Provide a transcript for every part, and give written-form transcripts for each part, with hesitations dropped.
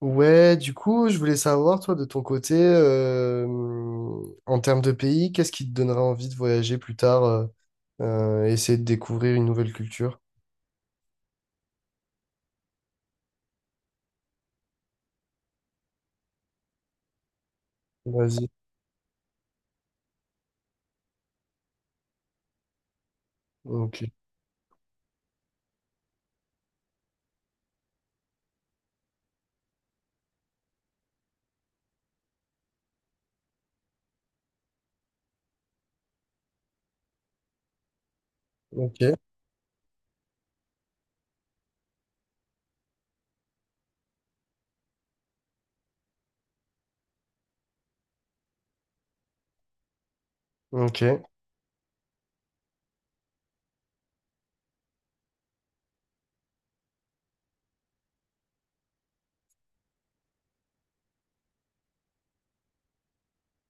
Ouais, du coup, je voulais savoir, toi, de ton côté, en termes de pays, qu'est-ce qui te donnerait envie de voyager plus tard, essayer de découvrir une nouvelle culture? Vas-y. Ok, ok, ok,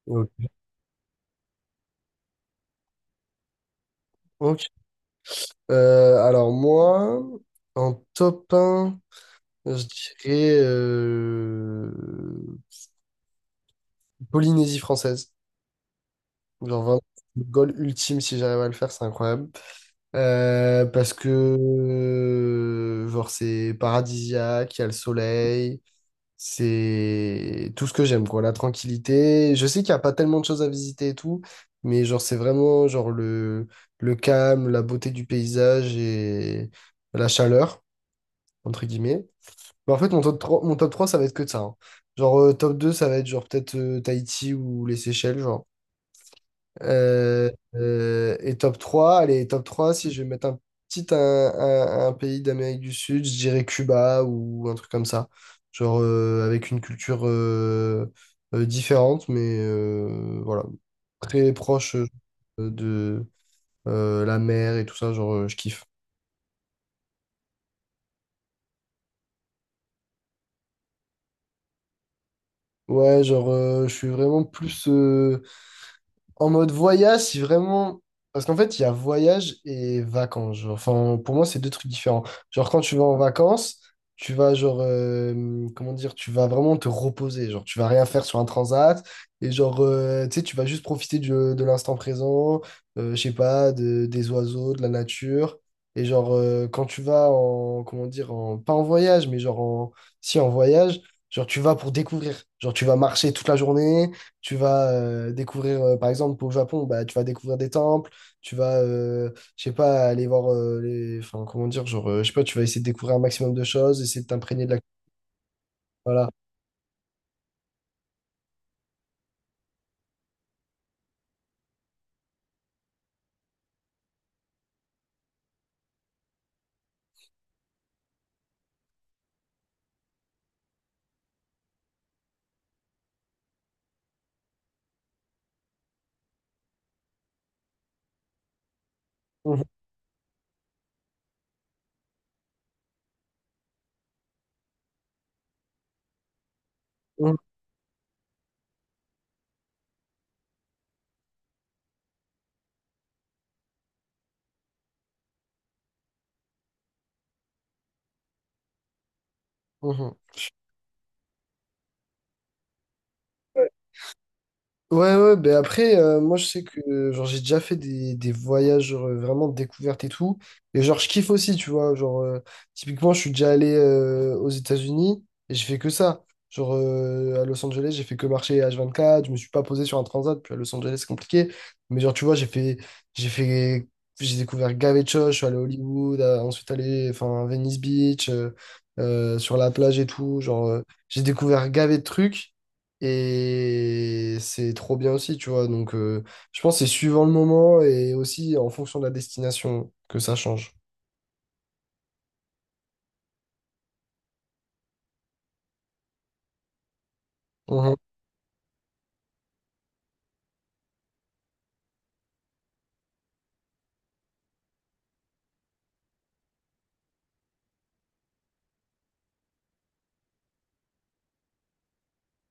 ok. Ok. Alors moi, en top un, je dirais Polynésie française. Genre vraiment, le goal ultime, si j'arrive à le faire, c'est incroyable. Parce que genre c'est paradisiaque, il y a le soleil, c'est tout ce que j'aime quoi, la tranquillité. Je sais qu'il n'y a pas tellement de choses à visiter et tout, mais genre c'est vraiment genre le calme, la beauté du paysage et la chaleur entre guillemets. Mais en fait mon top 3 ça va être que de ça, hein. Genre top 2 ça va être genre peut-être Tahiti ou les Seychelles genre. Euh, et top 3 allez, top 3 si je vais mettre un petit un, un pays d'Amérique du Sud, je dirais Cuba ou un truc comme ça. Genre avec une culture différente, mais voilà, très proche de la mer et tout ça, genre je kiffe. Ouais, genre je suis vraiment plus... en mode voyage, si vraiment. Parce qu'en fait, il y a voyage et vacances, genre. Enfin, pour moi, c'est deux trucs différents. Genre, quand tu vas en vacances, tu vas, genre, comment dire, tu vas vraiment te reposer. Genre, tu vas rien faire sur un transat. Et genre, tu sais, tu vas juste profiter de l'instant présent, je sais pas, des oiseaux, de la nature. Et genre, quand tu vas en, comment dire, en, pas en voyage, mais genre, en, si, en voyage, genre, tu vas pour découvrir. Genre, tu vas marcher toute la journée. Tu vas découvrir, par exemple, pour le Japon, bah, tu vas découvrir des temples, tu vas, je sais pas, aller voir les. Enfin, comment dire, genre, je sais pas, tu vas essayer de découvrir un maximum de choses, essayer de t'imprégner de la. Voilà. Mhm, mhm, mhm. Ouais, ouais, ben après, moi je sais que genre j'ai déjà fait des voyages genre, vraiment de découverte et tout. Et genre je kiffe aussi, tu vois. Genre, typiquement, je suis déjà allé aux États-Unis et j'ai fait que ça. Genre à Los Angeles, j'ai fait que marcher H24, je me suis pas posé sur un transat, puis à Los Angeles, c'est compliqué. Mais genre, tu vois, j'ai fait, j'ai découvert gavé de choses, je suis allé à Hollywood, ensuite allé enfin, à Venice Beach, sur la plage et tout. Genre, j'ai découvert gavé de trucs. Et c'est trop bien aussi, tu vois. Donc, je pense que c'est suivant le moment et aussi en fonction de la destination que ça change. Mhm.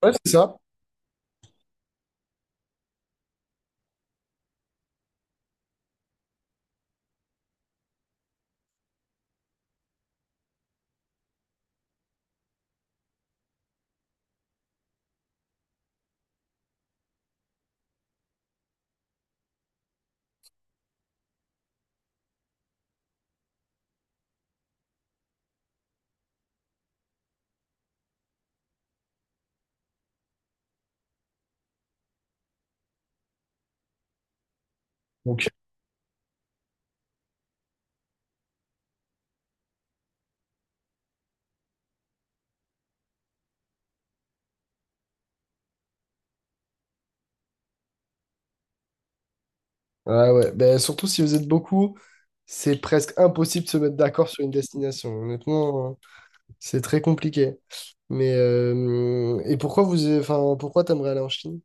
Ouais, c'est ça. Donc, ouais, ouais. Ben, surtout si vous êtes beaucoup, c'est presque impossible de se mettre d'accord sur une destination. Honnêtement, c'est très compliqué. Mais et pourquoi vous, enfin, pourquoi t'aimerais aller en Chine?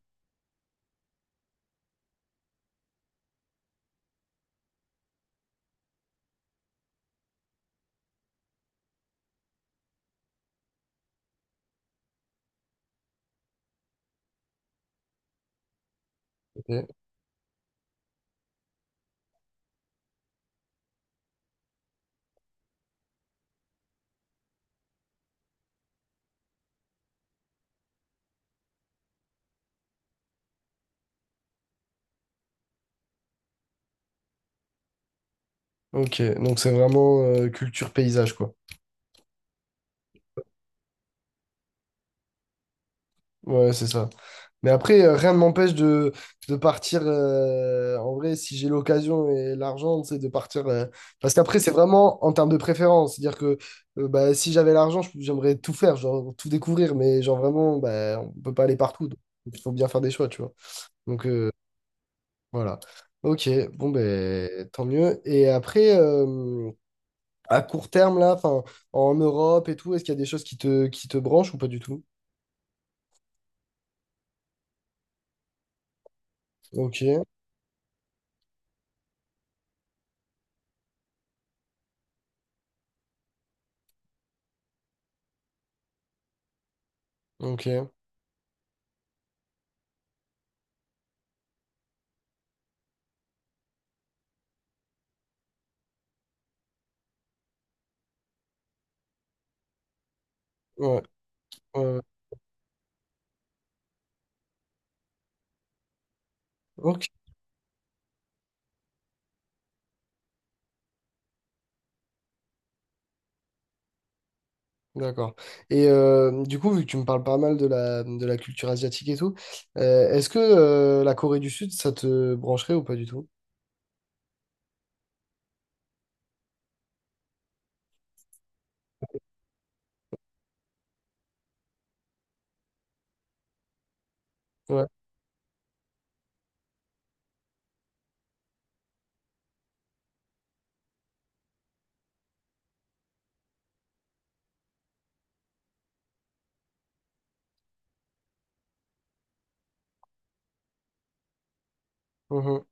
Ok. Ok, donc c'est vraiment culture paysage, quoi. Ouais, c'est ça. Mais après, rien ne m'empêche de partir, en vrai, si j'ai l'occasion et l'argent, c'est de partir. Parce qu'après, c'est vraiment en termes de préférence. C'est-à-dire que bah, si j'avais l'argent, j'aimerais tout faire, genre tout découvrir. Mais genre vraiment, bah, on peut pas aller partout. Donc, il faut bien faire des choix, tu vois. Donc voilà. Ok, bon, ben tant mieux. Et après, à court terme, là, enfin, en Europe et tout, est-ce qu'il y a des choses qui te branchent ou pas du tout? Ok, ok. Ouais. Ouais, ok, d'accord. Et du coup, vu que tu me parles pas mal de la culture asiatique et tout, est-ce que la Corée du Sud, ça te brancherait ou pas du tout? Ouais. Mhm,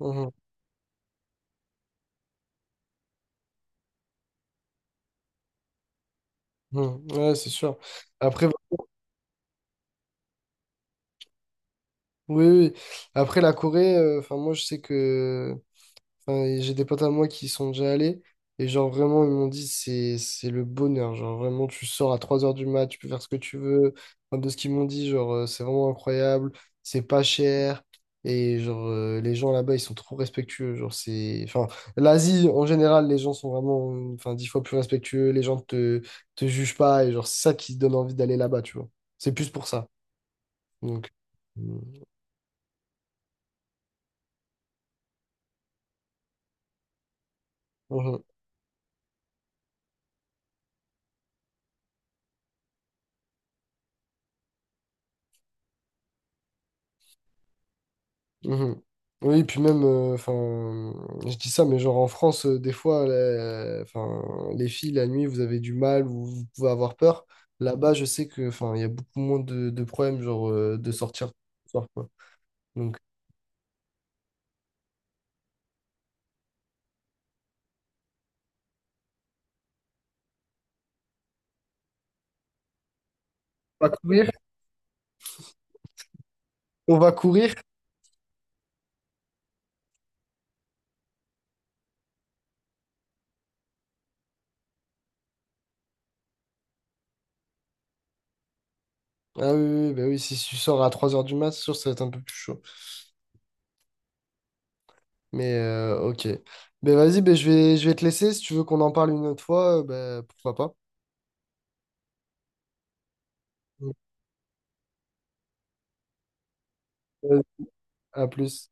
mhm, mhm. Ouais, c'est sûr. Après, oui, oui, oui. Après la Corée, enfin moi je sais que enfin, et j'ai des potes à moi qui y sont déjà allés. Et genre, vraiment, ils m'ont dit, c'est le bonheur. Genre, vraiment, tu sors à 3 heures du mat, tu peux faire ce que tu veux. Enfin, de ce qu'ils m'ont dit, genre, c'est vraiment incroyable. C'est pas cher. Et genre, les gens là-bas, ils sont trop respectueux. Genre, c'est... Enfin, l'Asie, en général, les gens sont vraiment, enfin, 10 fois plus respectueux. Les gens te jugent pas. Et genre, c'est ça qui te donne envie d'aller là-bas, tu vois. C'est plus pour ça. Donc, euh, mhm. Oui, puis même, enfin, je dis ça, mais genre en France, des fois, enfin, les filles, la nuit, vous avez du mal ou vous pouvez avoir peur. Là-bas, je sais que, enfin, il y a beaucoup moins de problèmes, genre, de sortir le soir, quoi. Donc, on va courir. On va courir. Ah oui, oui, oui, bah oui, si tu sors à 3 heures du mat, c'est sûr, ça va être un peu plus chaud. Mais, ok. Ben vas-y, ben, je vais te laisser. Si tu veux qu'on en parle une autre fois, ben, pourquoi pas. Vas-y, à plus.